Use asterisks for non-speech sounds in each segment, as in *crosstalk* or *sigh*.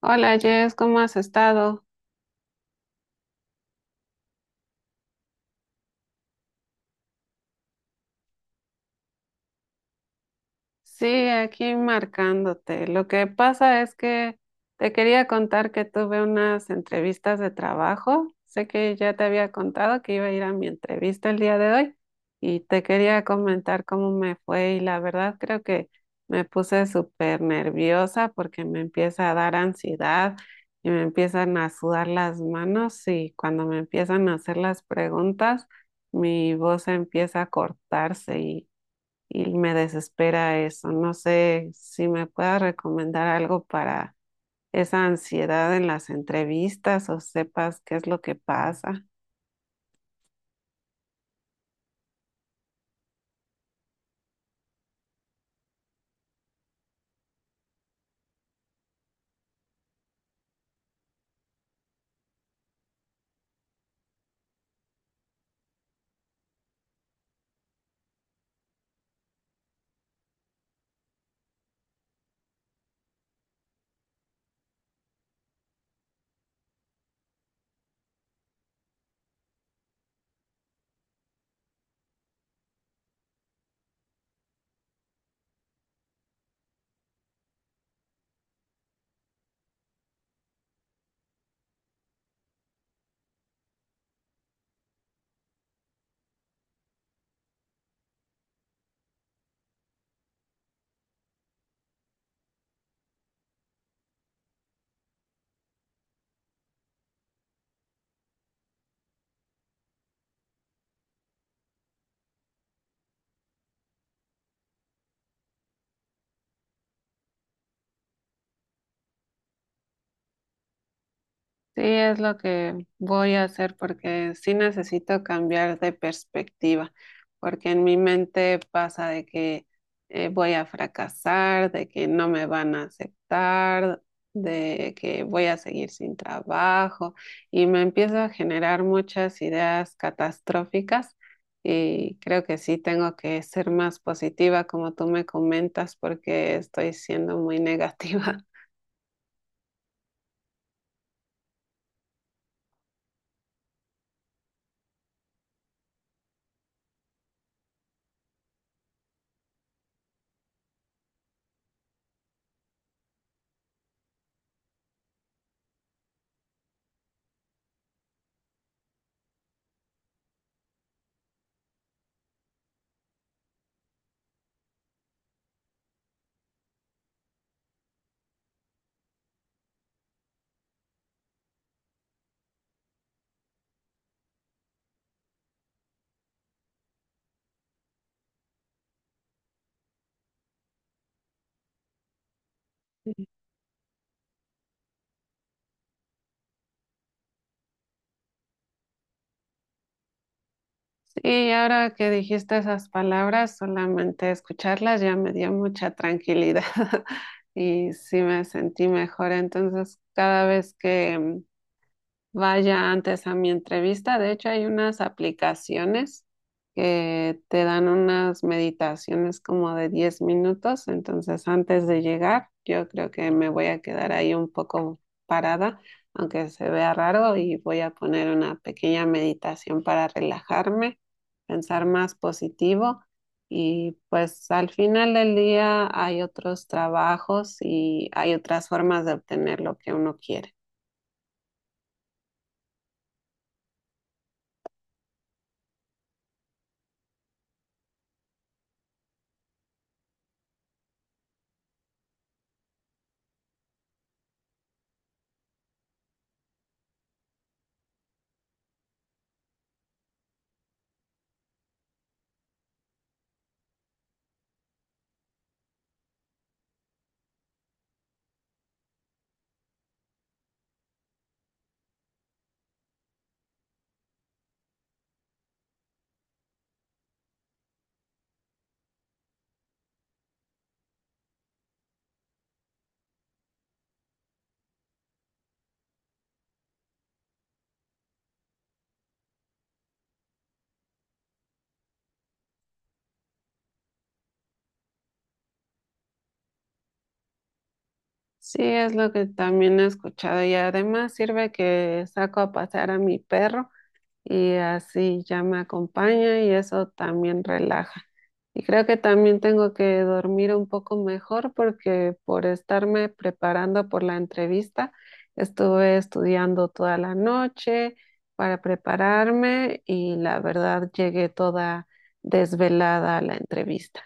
Hola Jess, ¿cómo has estado? Sí, aquí marcándote. Lo que pasa es que te quería contar que tuve unas entrevistas de trabajo. Sé que ya te había contado que iba a ir a mi entrevista el día de hoy y te quería comentar cómo me fue y la verdad creo que me puse súper nerviosa porque me empieza a dar ansiedad y me empiezan a sudar las manos y cuando me empiezan a hacer las preguntas mi voz empieza a cortarse y me desespera eso. No sé si me puedas recomendar algo para esa ansiedad en las entrevistas o sepas qué es lo que pasa. Sí, es lo que voy a hacer porque sí necesito cambiar de perspectiva, porque en mi mente pasa de que voy a fracasar, de que no me van a aceptar, de que voy a seguir sin trabajo y me empiezo a generar muchas ideas catastróficas y creo que sí tengo que ser más positiva como tú me comentas porque estoy siendo muy *laughs* negativa. Sí, ahora que dijiste esas palabras, solamente escucharlas ya me dio mucha tranquilidad *laughs* y sí me sentí mejor. Entonces, cada vez que vaya antes a mi entrevista. De hecho, hay unas aplicaciones que te dan unas meditaciones como de 10 minutos. Entonces, antes de llegar, yo creo que me voy a quedar ahí un poco parada, aunque se vea raro, y voy a poner una pequeña meditación para relajarme, pensar más positivo. Y pues al final del día hay otros trabajos y hay otras formas de obtener lo que uno quiere. Sí, es lo que también he escuchado y además sirve que saco a pasear a mi perro y así ya me acompaña y eso también relaja. Y creo que también tengo que dormir un poco mejor porque por estarme preparando por la entrevista estuve estudiando toda la noche para prepararme y la verdad llegué toda desvelada a la entrevista.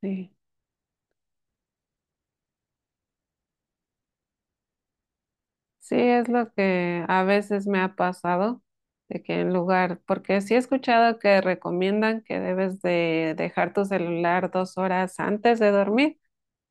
Sí. Sí, es lo que a veces me ha pasado, de que en lugar, porque sí he escuchado que recomiendan que debes de dejar tu celular 2 horas antes de dormir,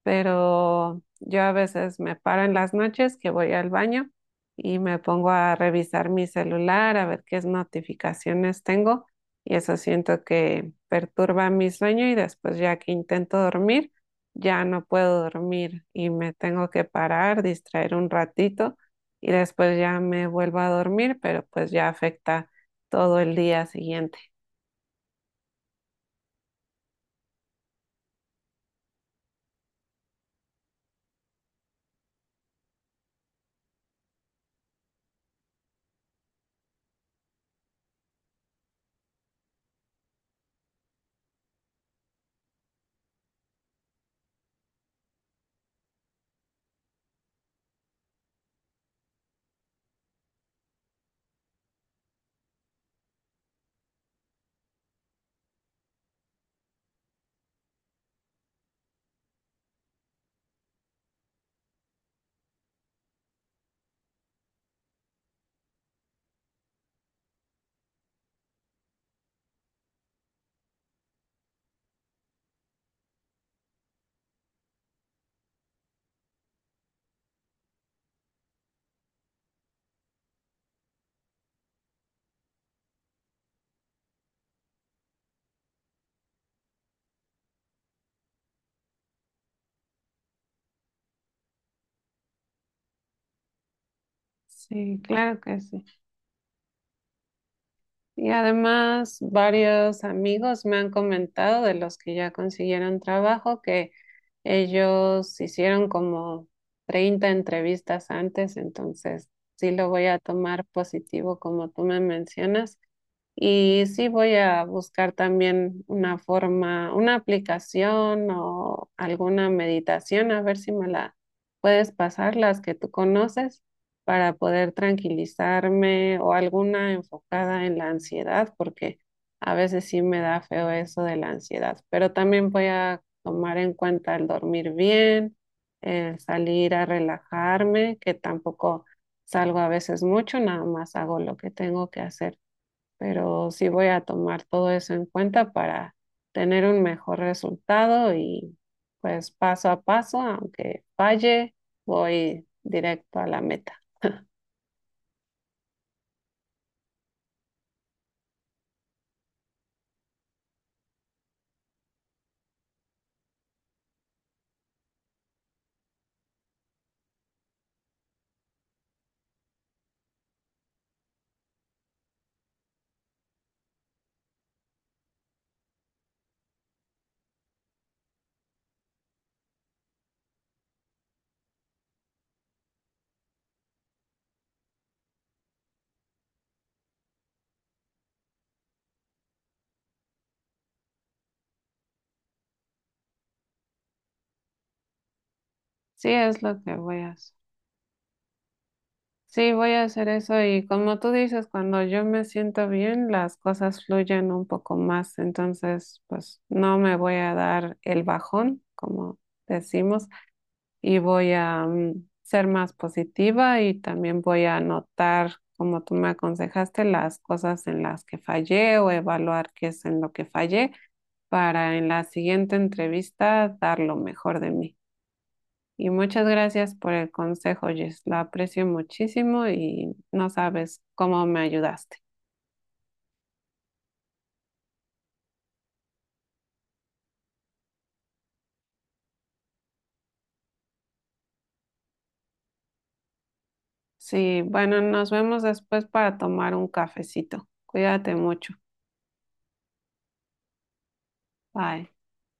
pero yo a veces me paro en las noches que voy al baño y me pongo a revisar mi celular, a ver qué notificaciones tengo y eso siento que perturba mi sueño y después ya que intento dormir, ya no puedo dormir y me tengo que parar, distraer un ratito y después ya me vuelvo a dormir, pero pues ya afecta todo el día siguiente. Sí, claro que sí. Y además, varios amigos me han comentado de los que ya consiguieron trabajo que ellos hicieron como 30 entrevistas antes, entonces sí lo voy a tomar positivo como tú me mencionas y sí voy a buscar también una forma, una aplicación o alguna meditación, a ver si me la puedes pasar, las que tú conoces, para poder tranquilizarme o alguna enfocada en la ansiedad, porque a veces sí me da feo eso de la ansiedad. Pero también voy a tomar en cuenta el dormir bien, el salir a relajarme, que tampoco salgo a veces mucho, nada más hago lo que tengo que hacer, pero sí voy a tomar todo eso en cuenta para tener un mejor resultado y pues paso a paso, aunque falle, voy directo a la meta. Sí, es lo que voy a hacer. Sí, voy a hacer eso y como tú dices, cuando yo me siento bien, las cosas fluyen un poco más, entonces pues no me voy a dar el bajón, como decimos, y voy a ser más positiva y también voy a anotar, como tú me aconsejaste, las cosas en las que fallé o evaluar qué es en lo que fallé para en la siguiente entrevista dar lo mejor de mí. Y muchas gracias por el consejo, Jess. Lo aprecio muchísimo y no sabes cómo me ayudaste. Sí, bueno, nos vemos después para tomar un cafecito. Cuídate mucho. Bye.